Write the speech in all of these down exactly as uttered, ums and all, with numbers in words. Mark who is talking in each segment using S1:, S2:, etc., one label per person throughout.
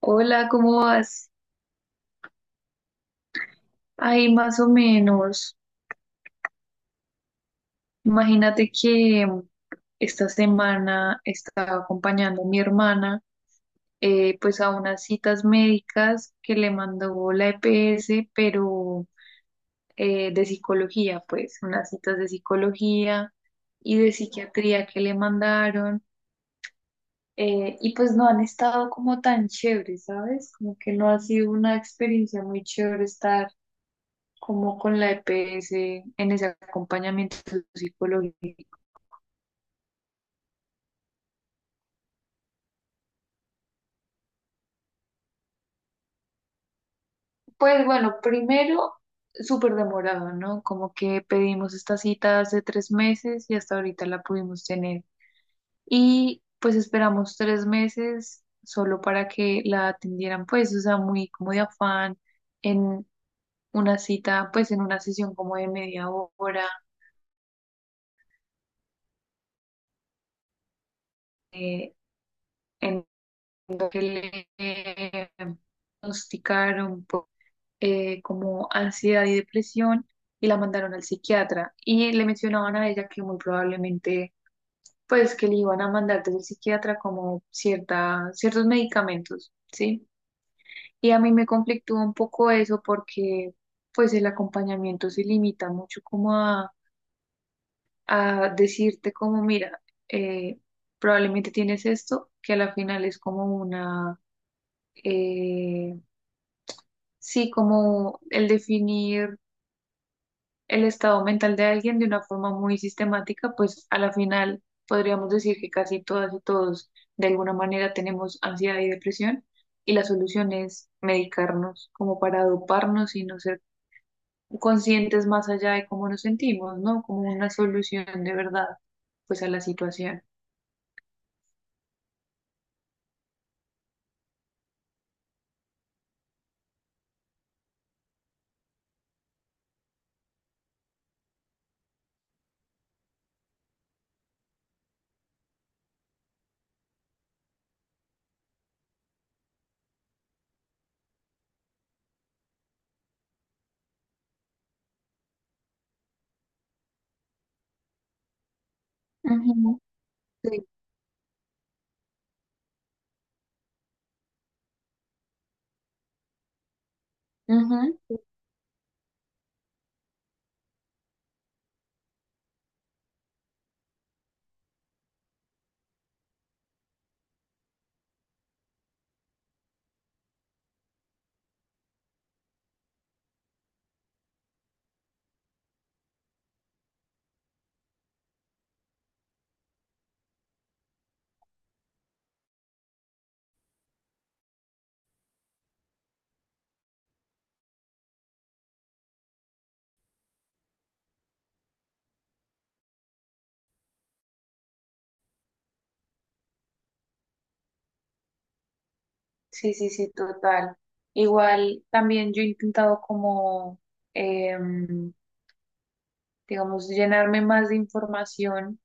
S1: Hola, ¿cómo vas? Ay, más o menos. Imagínate que mm, esta semana estaba acompañando a mi hermana, eh, pues a unas citas médicas que le mandó la E P S, pero eh, de psicología, pues unas citas de psicología y de psiquiatría que le mandaron. Eh, y pues no han estado como tan chéveres, ¿sabes? Como que no ha sido una experiencia muy chévere estar como con la E P S en ese acompañamiento psicológico. Pues bueno, primero, súper demorado, ¿no? Como que pedimos esta cita hace tres meses y hasta ahorita la pudimos tener. Y pues esperamos tres meses solo para que la atendieran, pues, o sea, muy como de afán en una cita, pues en una sesión como de media hora, eh, en lo que le diagnosticaron. Eh, como ansiedad y depresión y la mandaron al psiquiatra y le mencionaban a ella que muy probablemente pues que le iban a mandar desde el psiquiatra como cierta, ciertos medicamentos, ¿sí? Y a mí me conflictúa un poco eso porque pues el acompañamiento se limita mucho como a, a decirte como mira, eh, probablemente tienes esto, que a la final es como una... eh, sí, como el definir el estado mental de alguien de una forma muy sistemática, pues a la final podríamos decir que casi todas y todos de alguna manera tenemos ansiedad y depresión y la solución es medicarnos como para doparnos y no ser conscientes más allá de cómo nos sentimos, ¿no? Como una solución de verdad, pues a la situación. Ujú, sí, ujú. Sí, sí, sí, total. Igual también yo he intentado como, em, digamos, llenarme más de información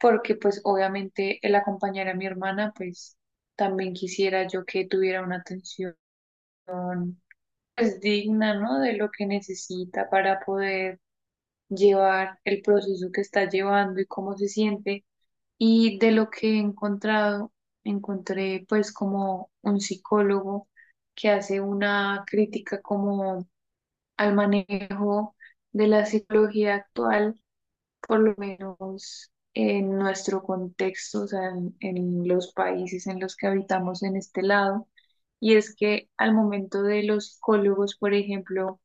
S1: porque pues obviamente el acompañar a mi hermana, pues también quisiera yo que tuviera una atención pues digna, ¿no? De lo que necesita para poder llevar el proceso que está llevando y cómo se siente. Y de lo que he encontrado, encontré pues como un psicólogo que hace una crítica como al manejo de la psicología actual por lo menos en nuestro contexto, o sea, en, en los países en los que habitamos en este lado, y es que al momento de los psicólogos, por ejemplo,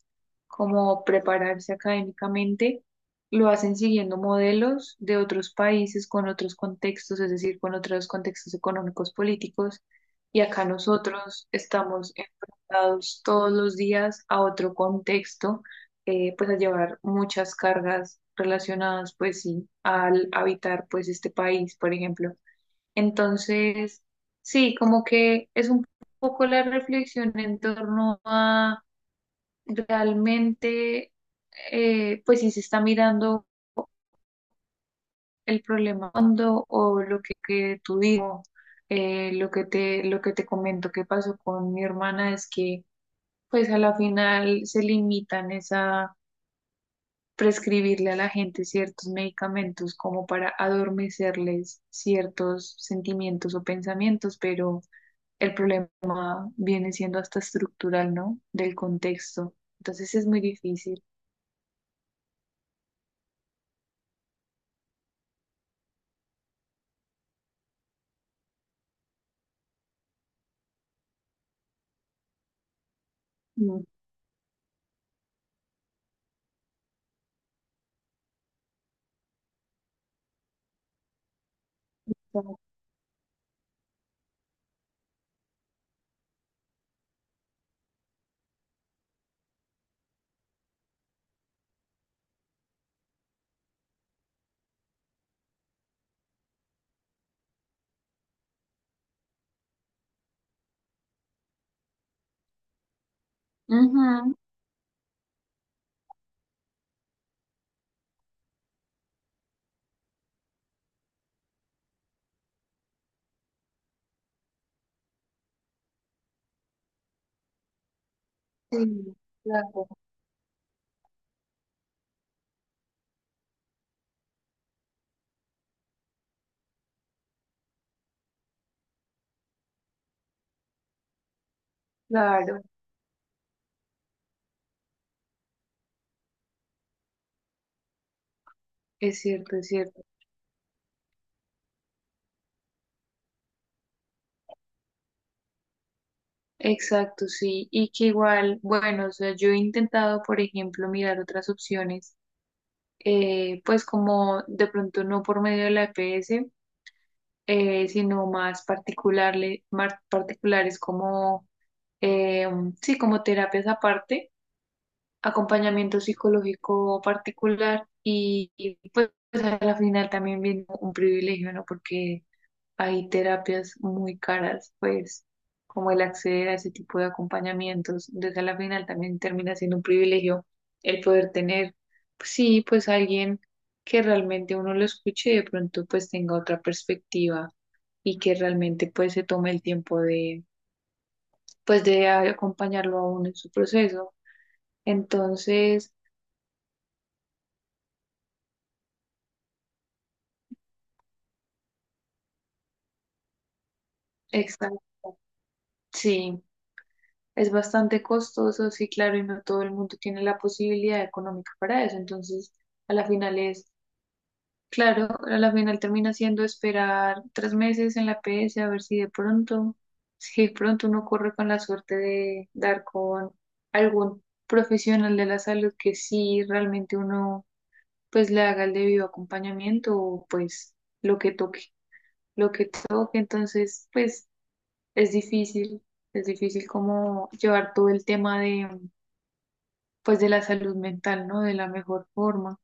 S1: como prepararse académicamente, lo hacen siguiendo modelos de otros países con otros contextos, es decir, con otros contextos económicos, políticos, y acá nosotros estamos enfrentados todos los días a otro contexto, eh, pues a llevar muchas cargas relacionadas, pues sí, al habitar pues este país, por ejemplo. Entonces, sí, como que es un poco la reflexión en torno a realmente, eh, pues si se está mirando el problema hondo o lo que, que tú digo, eh, lo que te, lo que te comento que pasó con mi hermana es que, pues a la final se limitan es a prescribirle a la gente ciertos medicamentos como para adormecerles ciertos sentimientos o pensamientos, pero el problema viene siendo hasta estructural, ¿no? Del contexto. Entonces es muy difícil. Mm, ujú, sí, claro, claro, es cierto, es cierto. Exacto, sí. Y que igual, bueno, o sea, yo he intentado, por ejemplo, mirar otras opciones, eh, pues como de pronto no por medio de la E P S, eh, sino más particularle- más particulares como, eh, sí, como terapias aparte, acompañamiento psicológico particular y, y, pues a la final también viene un privilegio, ¿no? Porque hay terapias muy caras, pues como el acceder a ese tipo de acompañamientos, entonces a la final también termina siendo un privilegio el poder tener, pues, sí, pues alguien que realmente uno lo escuche y de pronto pues tenga otra perspectiva y que realmente pues se tome el tiempo de, pues de acompañarlo a uno en su proceso. Entonces, exacto, sí. Es bastante costoso, sí, claro, y no todo el mundo tiene la posibilidad económica para eso. Entonces, a la final es... Claro, a la final termina siendo esperar tres meses en la P S a ver si de pronto, si de pronto uno corre con la suerte de dar con algún profesional de la salud que sí realmente uno pues le haga el debido acompañamiento o pues lo que toque, lo que toque, entonces pues es difícil, es difícil como llevar todo el tema de pues de la salud mental, ¿no? De la mejor forma.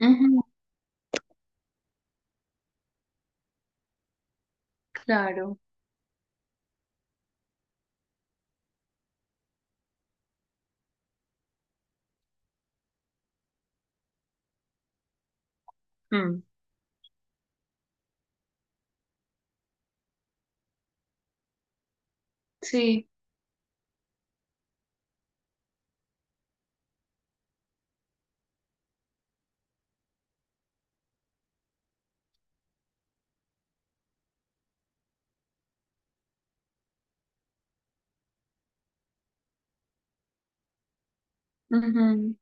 S1: Ujú, claro, mm, sí. Ujú.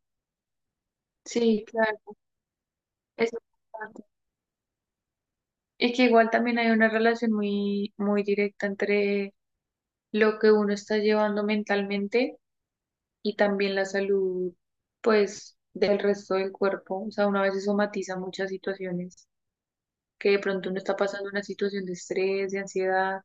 S1: Sí, claro, eso es importante. Y que igual también hay una relación muy, muy directa entre lo que uno está llevando mentalmente y también la salud, pues, del resto del cuerpo. O sea, uno a veces somatiza muchas situaciones. Que de pronto uno está pasando una situación de estrés, de ansiedad,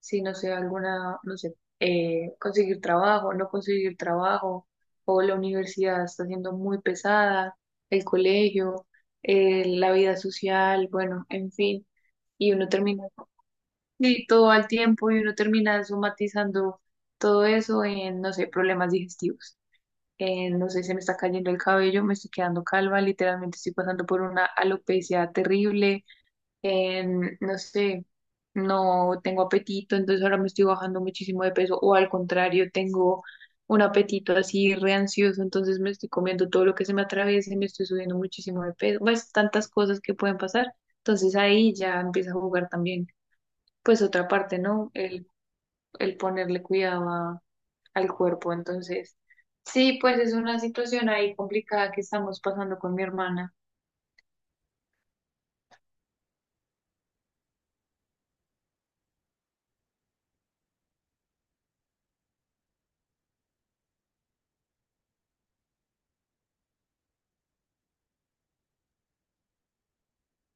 S1: si no sé, alguna, no sé, eh, conseguir trabajo, no conseguir trabajo, o la universidad está siendo muy pesada, el colegio, eh, la vida social, bueno, en fin, y uno termina y todo al tiempo y uno termina somatizando todo eso en, no sé, problemas digestivos. En, no sé, se me está cayendo el cabello, me estoy quedando calva, literalmente estoy pasando por una alopecia terrible. Em, no sé, no tengo apetito, entonces ahora me estoy bajando muchísimo de peso, o al contrario, tengo un apetito así re ansioso, entonces me estoy comiendo todo lo que se me atraviesa y me estoy subiendo muchísimo de peso, pues tantas cosas que pueden pasar, entonces ahí ya empieza a jugar también, pues otra parte, ¿no? El, el ponerle cuidado a- al cuerpo, entonces. Sí, pues es una situación ahí complicada que estamos pasando con mi hermana.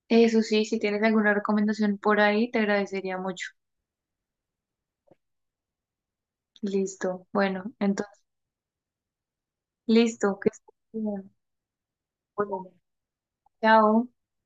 S1: Eso sí, si tienes alguna recomendación por ahí, te agradecería mucho. Listo. Bueno, entonces, listo. Que estés bien. Bueno, chao.